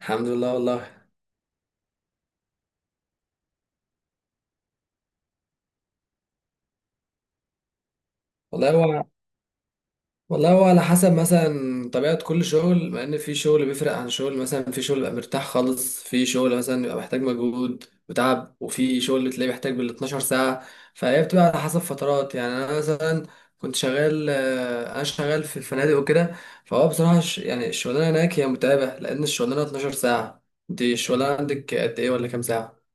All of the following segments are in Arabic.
الحمد لله، والله. والله هو والله هو على حسب مثلا طبيعة كل شغل، مع ان في شغل بيفرق عن شغل. مثلا في شغل بيبقى مرتاح خالص، في شغل مثلا بيبقى محتاج مجهود وتعب، وفي شغل تلاقيه محتاج بال 12 ساعة. فهي بتبقى على حسب فترات. يعني انا مثلا كنت شغال، انا شغال في الفنادق وكده. فهو بصراحة يعني الشغلانة هناك هي متعبة، لان الشغلانة 12 ساعة. دي الشغلانة عندك قد ايه، ولا كام ساعة؟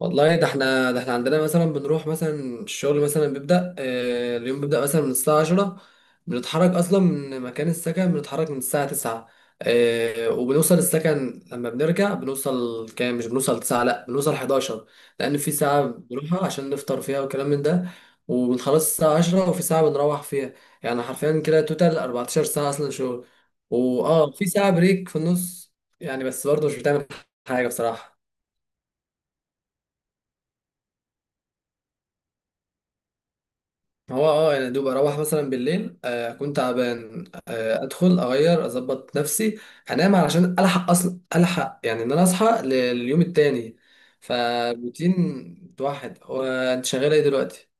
والله ده احنا عندنا مثلا بنروح، مثلا الشغل مثلا بيبدأ، اليوم بيبدأ مثلا من الساعة 10، بنتحرك أصلا من مكان السكن، بنتحرك من الساعة 9. وبنوصل السكن لما بنرجع بنوصل كام؟ مش بنوصل 9، لا بنوصل 11، لأن في ساعة بنروحها عشان نفطر فيها والكلام من ده، وبنخلص الساعة 10، وفي ساعة بنروح فيها. يعني حرفيا كده توتال 14 ساعة أصلا شغل، وآه في ساعة بريك في النص، يعني بس برضه مش بتعمل حاجة بصراحة. هو يعني دوب اروح مثلا بالليل، اكون تعبان، ادخل اغير اظبط نفسي انام علشان الحق، اصلا الحق يعني ان انا اصحى لليوم التاني. فروتين واحد. هو انت شغاله ايه دلوقتي؟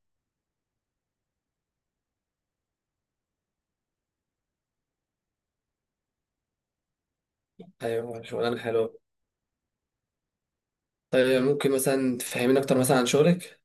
ايوه، شغلانه حلوه. طيب ممكن مثلا تفهمين اكتر مثلا عن شغلك؟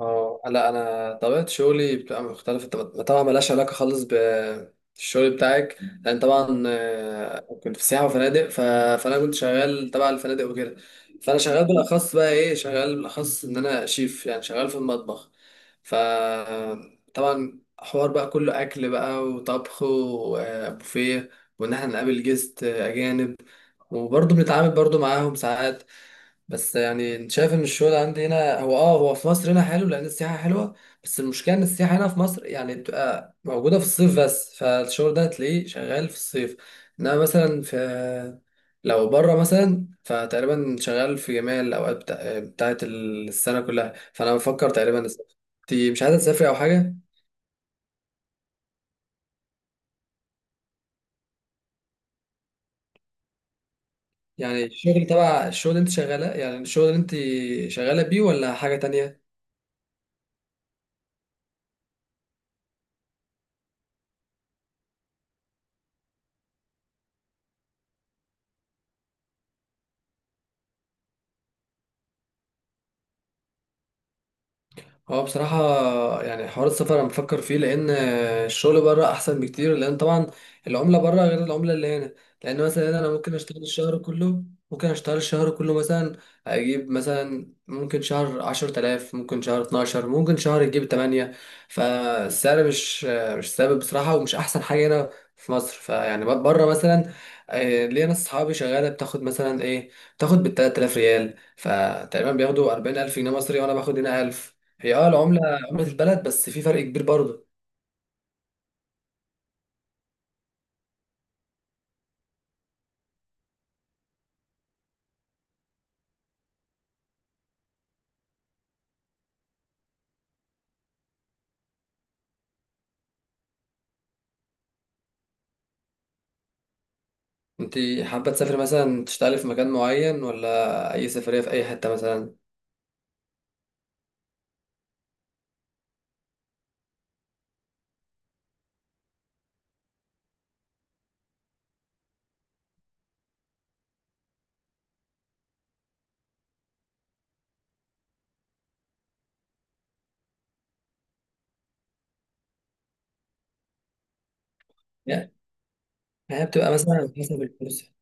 اه لا، انا طبيعه شغلي بتبقى مختلفه، طبعا ملهاش علاقه خالص بالشغل بتاعك. لان طبعا، كنت في سياحه وفنادق فانا كنت شغال تبع الفنادق وكده. فانا شغال بالاخص، بقى ايه، شغال بالاخص ان انا شيف، يعني شغال في المطبخ. ف طبعا حوار بقى كله اكل بقى وطبخ وبوفيه، وان احنا نقابل جست اجانب، وبرضه بنتعامل برضه معاهم ساعات. بس يعني انت شايف ان الشغل عندي هنا هو هو في مصر هنا حلو، لان السياحه حلوه. بس المشكله ان السياحه هنا في مصر يعني بتبقى موجوده في الصيف بس، فالشغل ده هتلاقيه شغال في الصيف. انما مثلا في، لو بره مثلا، فتقريبا شغال في جميع الاوقات بتاعت السنه كلها. فانا بفكر تقريبا اسافر. انت مش عايزه تسافري او حاجه؟ يعني الشغل تبع، الشغل اللي انت شغاله، يعني الشغل اللي انت شغاله بيه، ولا حاجه تانية؟ هو بصراحة يعني حوار السفر أنا بفكر فيه، لأن الشغل بره أحسن بكتير، لأن طبعا العملة بره غير العملة اللي هنا. لأن مثلا هنا أنا ممكن أشتغل الشهر كله مثلا، أجيب مثلا، ممكن شهر عشرة آلاف، ممكن شهر اتناشر، ممكن شهر يجيب تمانية. فالسعر مش ثابت بصراحة، ومش أحسن حاجة هنا في مصر. فيعني بره مثلا، ليا ناس صحابي شغالة بتاخد مثلا إيه، بتاخد بالتلات آلاف ريال، فتقريبا بياخدوا أربعين ألف جنيه مصري، وأنا باخد هنا ألف. هي اه العملة، عملة البلد، بس في فرق كبير برضه. انت حابة تسافر مثلا تشتغلي في مكان معين، ولا أي سفرية في أي حتة مثلا؟ لا، هي بتبقى مثلا على حسب الفرصة.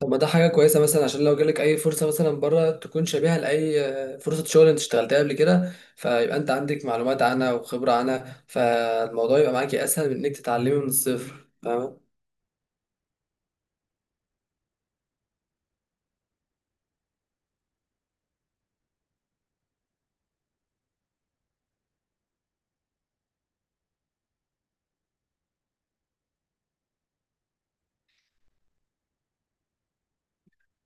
طب ما ده حاجة كويسة، مثلا عشان لو جالك أي فرصة مثلا بره تكون شبيهة لأي، فرصة شغل انت اشتغلتها قبل كده، فيبقى انت عندك معلومات عنها وخبرة عنها، فالموضوع يبقى معاكي أسهل من انك تتعلمي من الصفر، فاهمة؟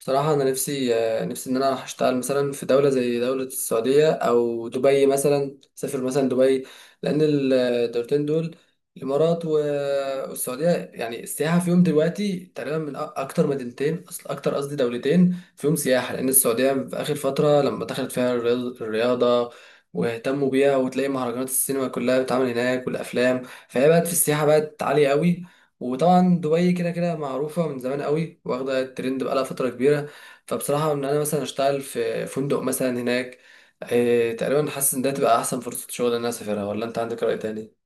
بصراحة أنا نفسي، نفسي إن أنا أشتغل مثلا في دولة زي دولة السعودية أو دبي، مثلا أسافر مثلا دبي. لأن الدولتين دول، الإمارات والسعودية، يعني السياحة فيهم دلوقتي تقريبا من أكتر مدينتين، أصل أكتر، قصدي دولتين فيهم سياحة. لأن السعودية في آخر فترة لما دخلت فيها الرياضة واهتموا بيها، وتلاقي مهرجانات السينما كلها بتتعمل هناك والأفلام، فهي بقت في السياحة، بقت عالية قوي. وطبعا دبي كده كده معروفة من زمان قوي، واخدة الترند بقالها فترة كبيرة. فبصراحة إن أنا مثلا أشتغل في فندق مثلا هناك، إيه، تقريبا حاسس إن ده تبقى أحسن فرصة شغل إن أنا أسافرها، ولا أنت عندك رأي تاني؟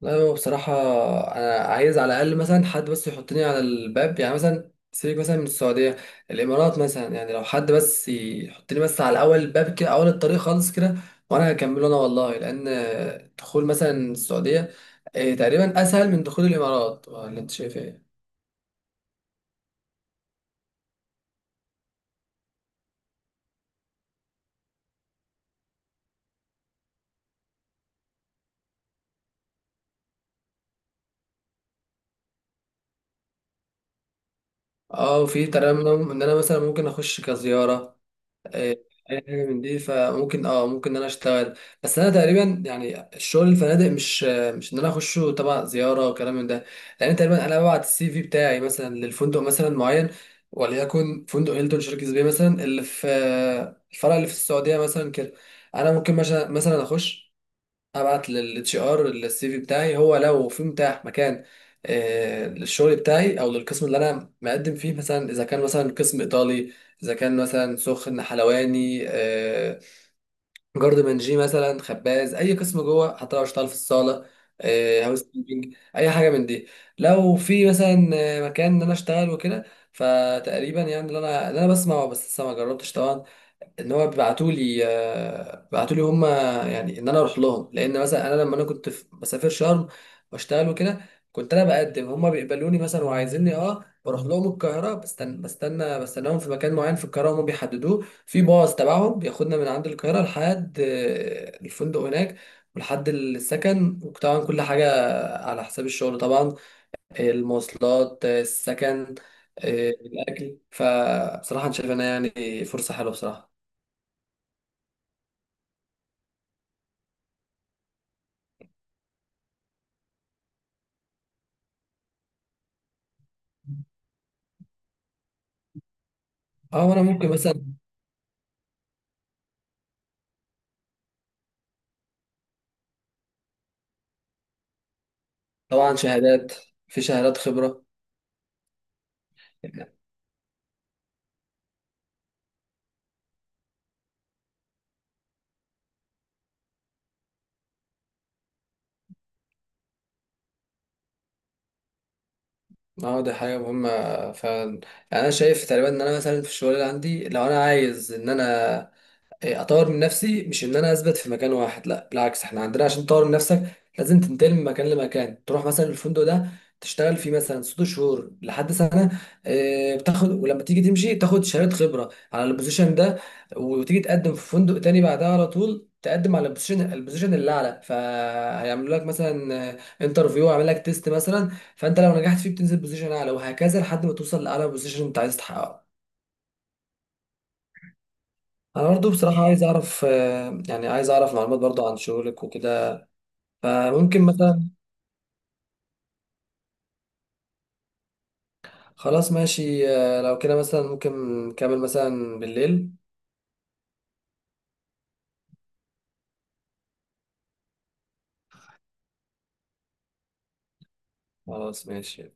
لا، هو بصراحة أنا عايز على الأقل مثلا حد بس يحطني على الباب، يعني مثلا سيبك مثلا من السعودية، الإمارات مثلا، يعني لو حد بس يحطني بس على أول الباب كده، أول الطريق خالص كده، وأنا هكمله أنا والله. لأن دخول مثلا السعودية، إيه، تقريبا أسهل من دخول الإمارات، ولا أنت شايف إيه؟ أه، وفي ترى إن أنا مثلا ممكن أخش كزيارة، إيه، اي حاجه من دي، فممكن اه ممكن ان انا اشتغل. بس انا تقريبا يعني الشغل الفنادق، مش ان انا اخشه تبع زياره وكلام من ده، لان تقريبا انا ببعت السي في بتاعي مثلا للفندق مثلا معين، وليكن فندق هيلتون، شركه بيه مثلا، اللي في الفرع اللي في السعوديه مثلا كده. انا ممكن مثلا اخش، ابعت للاتش ار السي في بتاعي، هو لو في متاح مكان، للشغل بتاعي او للقسم اللي انا مقدم فيه مثلا، اذا كان مثلا قسم ايطالي، اذا كان مثلا سخن حلواني، جارد منجي مثلا، خباز، اي قسم جوه، حتى لو اشتغل في الصاله، هاوس كيبنج، اي حاجه من دي، لو في مثلا مكان ان انا اشتغل وكده. فتقريبا يعني اللي انا بسمع، بس لسه ما جربتش طبعا، ان هو بيبعتوا لي هم، يعني ان انا اروح لهم. لان مثلا انا لما انا كنت بسافر شرم واشتغل وكده، كنت انا بقدم هم بيقبلوني مثلا وعايزيني، اه بروح لهم القاهره، بستنى بستنى بستناهم في مكان معين في القاهره، هم بيحددوه، في باص تبعهم بياخدنا من عند القاهره لحد الفندق هناك، ولحد السكن، وطبعا كل حاجه على حساب الشغل طبعا، المواصلات، السكن، الاكل. فبصراحه انا شايف انها يعني فرصه حلوه بصراحه. اه وانا ممكن مثلا. طبعا شهادات، في شهادات خبره يعني. اه دي حاجه مهمه فعلا. يعني انا شايف تقريبا ان انا مثلا في الشغل اللي عندي، لو انا عايز ان انا، إيه، اطور من نفسي، مش ان انا اثبت في مكان واحد، لا بالعكس، احنا عندنا عشان تطور من نفسك لازم تنتقل من مكان لمكان. تروح مثلا الفندق ده تشتغل فيه مثلا ست شهور لحد سنه، بتاخد، ولما تيجي تمشي تاخد شهاده خبره على البوزيشن ده، وتيجي تقدم في فندق تاني بعدها على طول، تقدم على البوزيشن اللي اعلى، فهيعملوا لك مثلا انترفيو، يعمل لك تيست مثلا، فانت لو نجحت فيه بتنزل بوزيشن اعلى، وهكذا لحد ما توصل لاعلى بوزيشن انت عايز تحققه. انا برضو بصراحة عايز اعرف، يعني عايز اعرف معلومات برضو عن شغلك وكده، فممكن مثلا. خلاص ماشي، لو كده مثلا ممكن نكمل مثلا بالليل. خلاص ماشي.